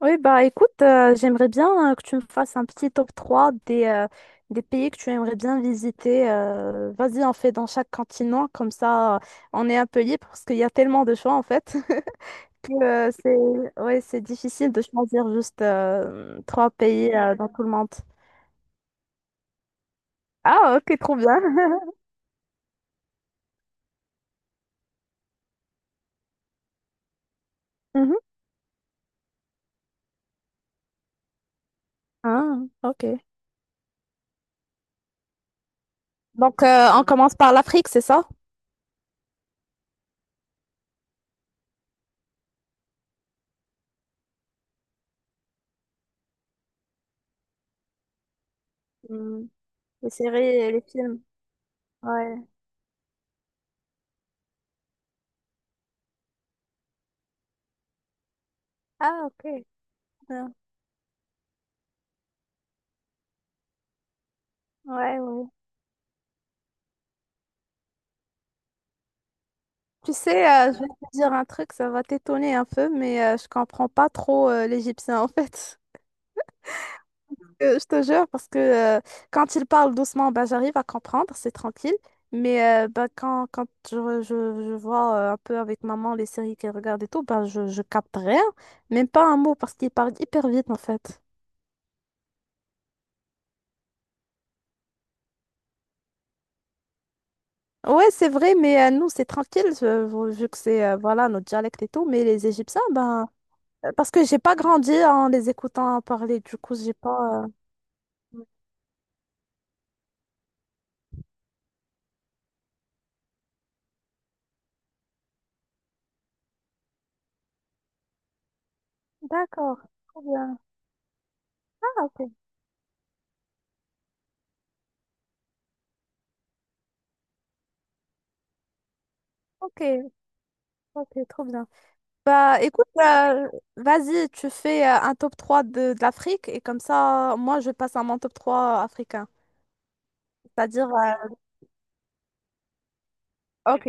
Oui, bah écoute, j'aimerais bien que tu me fasses un petit top 3 des pays que tu aimerais bien visiter. Vas-y, on fait dans chaque continent, comme ça on est un peu libre parce qu'il y a tellement de choix en fait que c'est ouais, c'est difficile de choisir juste trois pays dans tout le monde. Ah, ok, trop bien. Mhm. Ah, ok. Donc, on commence par l'Afrique, c'est ça? Mm. Les séries et les films. Ouais. Ah, ok. Ouais, ouais. Tu sais, je vais te dire un truc, ça va t'étonner un peu, mais je comprends pas trop l'égyptien en fait. Je te jure, parce que quand il parle doucement, bah, j'arrive à comprendre, c'est tranquille. Mais bah, quand je vois un peu avec maman les séries qu'elle regarde et tout, bah, je capte rien, même pas un mot, parce qu'il parle hyper vite en fait. Ouais, c'est vrai, mais nous, c'est tranquille, vu que c'est voilà, notre dialecte et tout, mais les Égyptiens, ben, parce que j'ai pas grandi en les écoutant parler, du coup, j'ai pas. D'accord. Trop bien. Ah, ok. Ok, ok, trop bien. Bah, écoute, vas-y, tu fais un top 3 de l'Afrique et comme ça, moi, je passe à mon top 3 africain. C'est-à-dire, ok.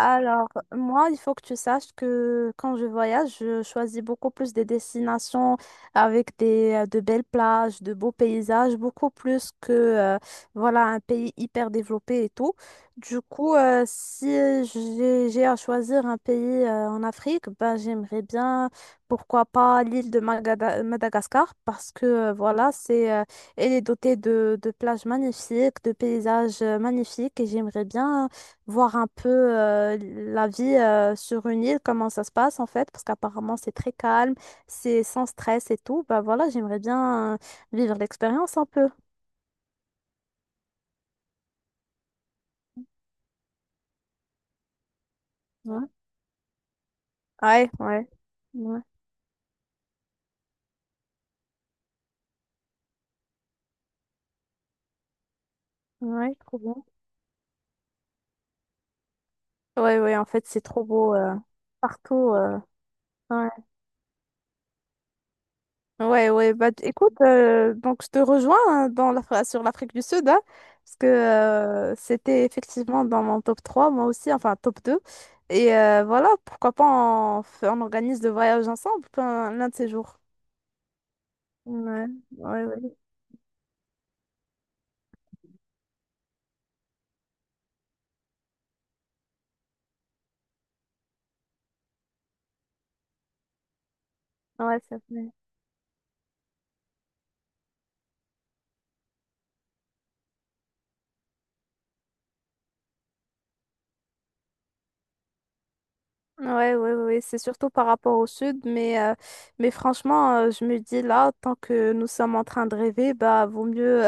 Alors, moi, il faut que tu saches que quand je voyage, je choisis beaucoup plus des destinations avec de belles plages, de beaux paysages, beaucoup plus que, voilà, un pays hyper développé et tout. Du coup, si j'ai à choisir un pays, en Afrique, ben, j'aimerais bien, pourquoi pas, l'île de Madagascar, parce que, voilà, elle est dotée de plages magnifiques, de paysages magnifiques, et j'aimerais bien voir un peu la vie sur une île, comment ça se passe en fait, parce qu'apparemment c'est très calme, c'est sans stress et tout. Bah voilà, j'aimerais bien vivre l'expérience un peu. Ouais, ouais, ouais, ouais, ouais, trop bien. Ouais, ouais, en fait c'est trop beau partout. Ouais. Ouais, ouais, bah écoute, donc je te rejoins hein, dans sur l'Afrique du Sud, hein, parce que c'était effectivement dans mon top 3 moi aussi, enfin top deux. Et voilà, pourquoi pas on organise le voyage ensemble l'un de ces jours. Ouais, ouais, ouais. Ouais, ça fait. Ouais, ouais, ouais, c'est surtout par rapport au sud, mais franchement, je me dis là, tant que nous sommes en train de rêver, bah vaut mieux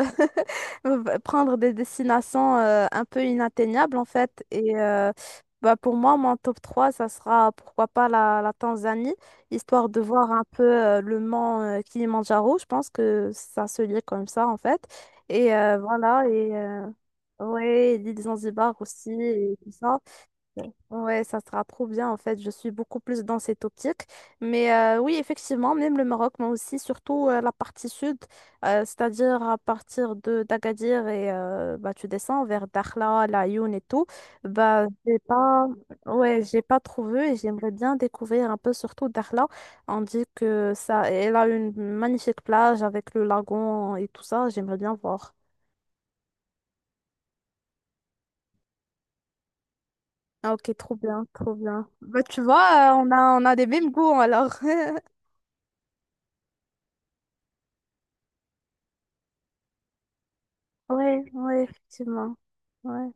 prendre des destinations un peu inatteignables en fait. Et bah, pour moi, mon top 3 ça sera pourquoi pas la Tanzanie, histoire de voir un peu le mont Kilimandjaro. Je pense que ça se lit comme ça en fait. Et voilà, et ouais, l'île Zanzibar aussi, et tout ça. Ouais, ça sera trop bien en fait. Je suis beaucoup plus dans cette optique. Mais oui, effectivement, même le Maroc, mais aussi surtout la partie sud, c'est-à-dire à partir de d'Agadir et bah, tu descends vers Dakhla, La Laayoune et tout. Bah, j'ai pas, ouais, j'ai pas trouvé et j'aimerais bien découvrir un peu surtout Dakhla. On dit que ça, elle a une magnifique plage avec le lagon et tout ça. J'aimerais bien voir. Ah, ok, trop bien, trop bien. Bah, tu vois, on a des mêmes goûts alors. Ouais, ouais, effectivement. Ouais,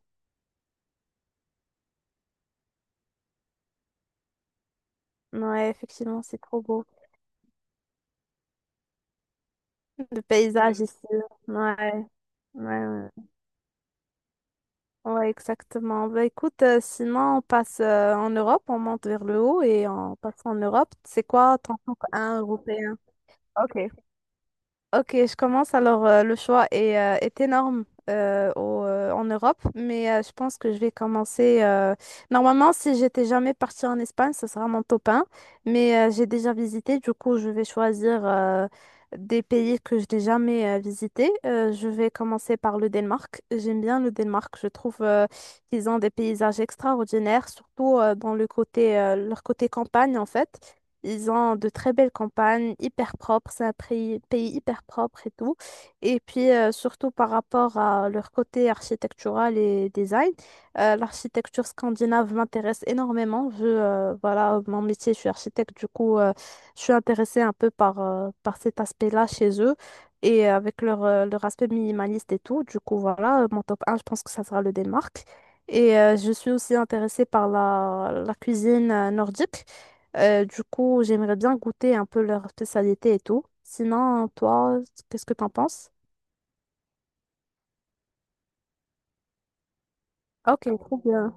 ouais, effectivement, c'est trop beau. Le paysage ici. Ouais, ouais, ouais, ouais, exactement. Bah écoute, sinon on passe en Europe, on monte vers le haut et on passe en Europe. C'est quoi ton top un européen? Ok. Ok, je commence. Alors, le choix est énorme en Europe, mais je pense que je vais commencer. Normalement, si j'étais jamais partie en Espagne, ce sera mon top 1, mais j'ai déjà visité. Du coup, je vais choisir des pays que je n'ai jamais visités. Je vais commencer par le Danemark. J'aime bien le Danemark. Je trouve qu'ils ont des paysages extraordinaires, surtout dans leur côté campagne, en fait. Ils ont de très belles campagnes, hyper propres, c'est un pays hyper propre et tout. Et puis, surtout par rapport à leur côté architectural et design, l'architecture scandinave m'intéresse énormément. Voilà, mon métier, je suis architecte, du coup, je suis intéressée un peu par cet aspect-là chez eux et avec leur aspect minimaliste et tout. Du coup, voilà, mon top un, je pense que ça sera le Danemark. Et je suis aussi intéressée par la cuisine nordique. Du coup, j'aimerais bien goûter un peu leur spécialité et tout. Sinon, toi, qu'est-ce que t'en penses? Ok, trop bien.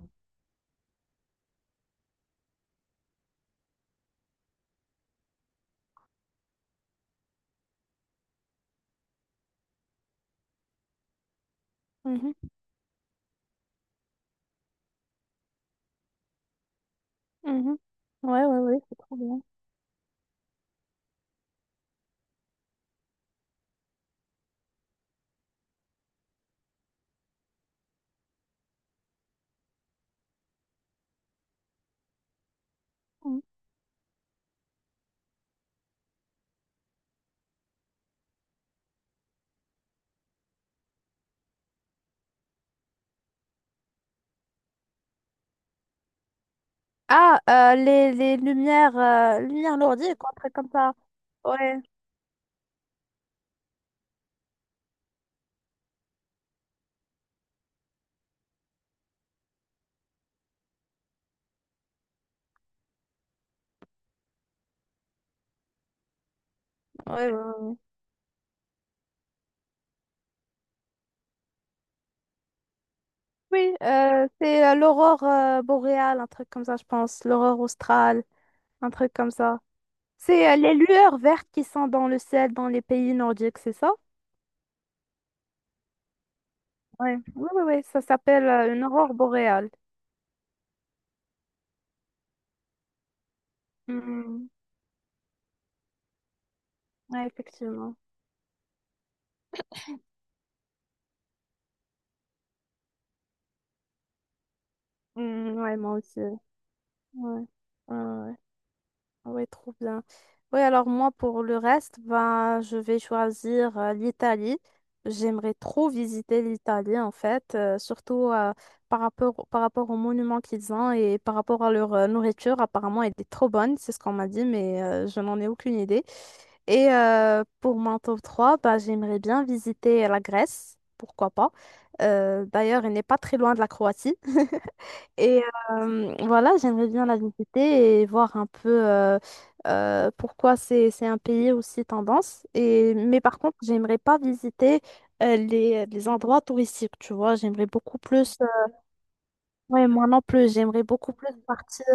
Mhm, mhm. Ouais, ouais, ouais, c'est trop bien. Mhm. Ah, les lumières lourdes, quoi, un truc comme ça. Ouais, ouais, ouais. Ouais. Oui, c'est l'aurore boréale, un truc comme ça, je pense. L'aurore australe, un truc comme ça. C'est les lueurs vertes qui sont dans le ciel dans les pays nordiques, c'est ça? Ouais. Oui, oui, oui, ça s'appelle une aurore boréale. Ouais, effectivement. Mm, ouais, moi aussi. Ouais. Ouais, ouais. Ouais, trop bien. Oui alors moi, pour le reste, ben, je vais choisir l'Italie. J'aimerais trop visiter l'Italie, en fait, surtout par rapport aux monuments qu'ils ont et par rapport à leur nourriture. Apparemment, elle est trop bonne, c'est ce qu'on m'a dit, mais je n'en ai aucune idée. Et pour mon top 3 bah, j'aimerais bien visiter la Grèce, pourquoi pas. D'ailleurs, elle n'est pas très loin de la Croatie. Et voilà, j'aimerais bien la visiter et voir un peu pourquoi c'est un pays aussi tendance. Mais par contre, j'aimerais pas visiter les endroits touristiques, tu vois. J'aimerais beaucoup plus. Ouais, moi non plus, j'aimerais beaucoup plus partir.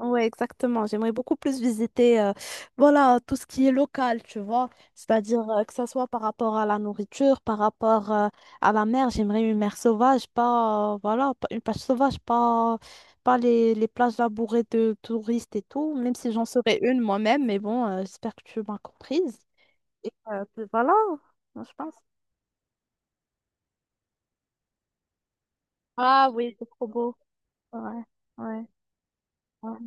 Oui, exactement. J'aimerais beaucoup plus visiter voilà, tout ce qui est local, tu vois. C'est-à-dire que ça soit par rapport à la nourriture, par rapport à la mer. J'aimerais une mer sauvage, pas, voilà, une plage sauvage, pas les plages labourées de touristes et tout, même si j'en serais une moi-même. Mais bon, j'espère que tu m'as comprise. Et puis voilà, je pense. Ah oui, c'est trop beau. Ouais, ouais, ouais,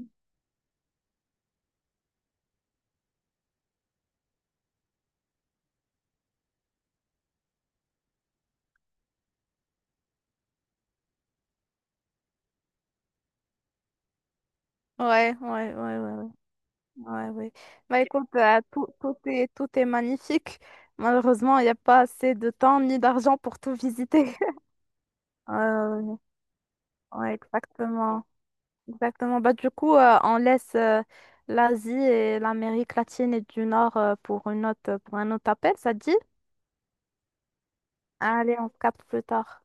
ouais, ouais. Ouais. Ouais. Ouais, oui. Bah, écoute, tout est magnifique. Malheureusement, il n'y a pas assez de temps ni d'argent pour tout visiter. Euh, ouais, exactement. Exactement. Bah, du coup, on laisse l'Asie et l'Amérique latine et du Nord pour un autre appel, ça te dit? Allez, on se capte plus tard.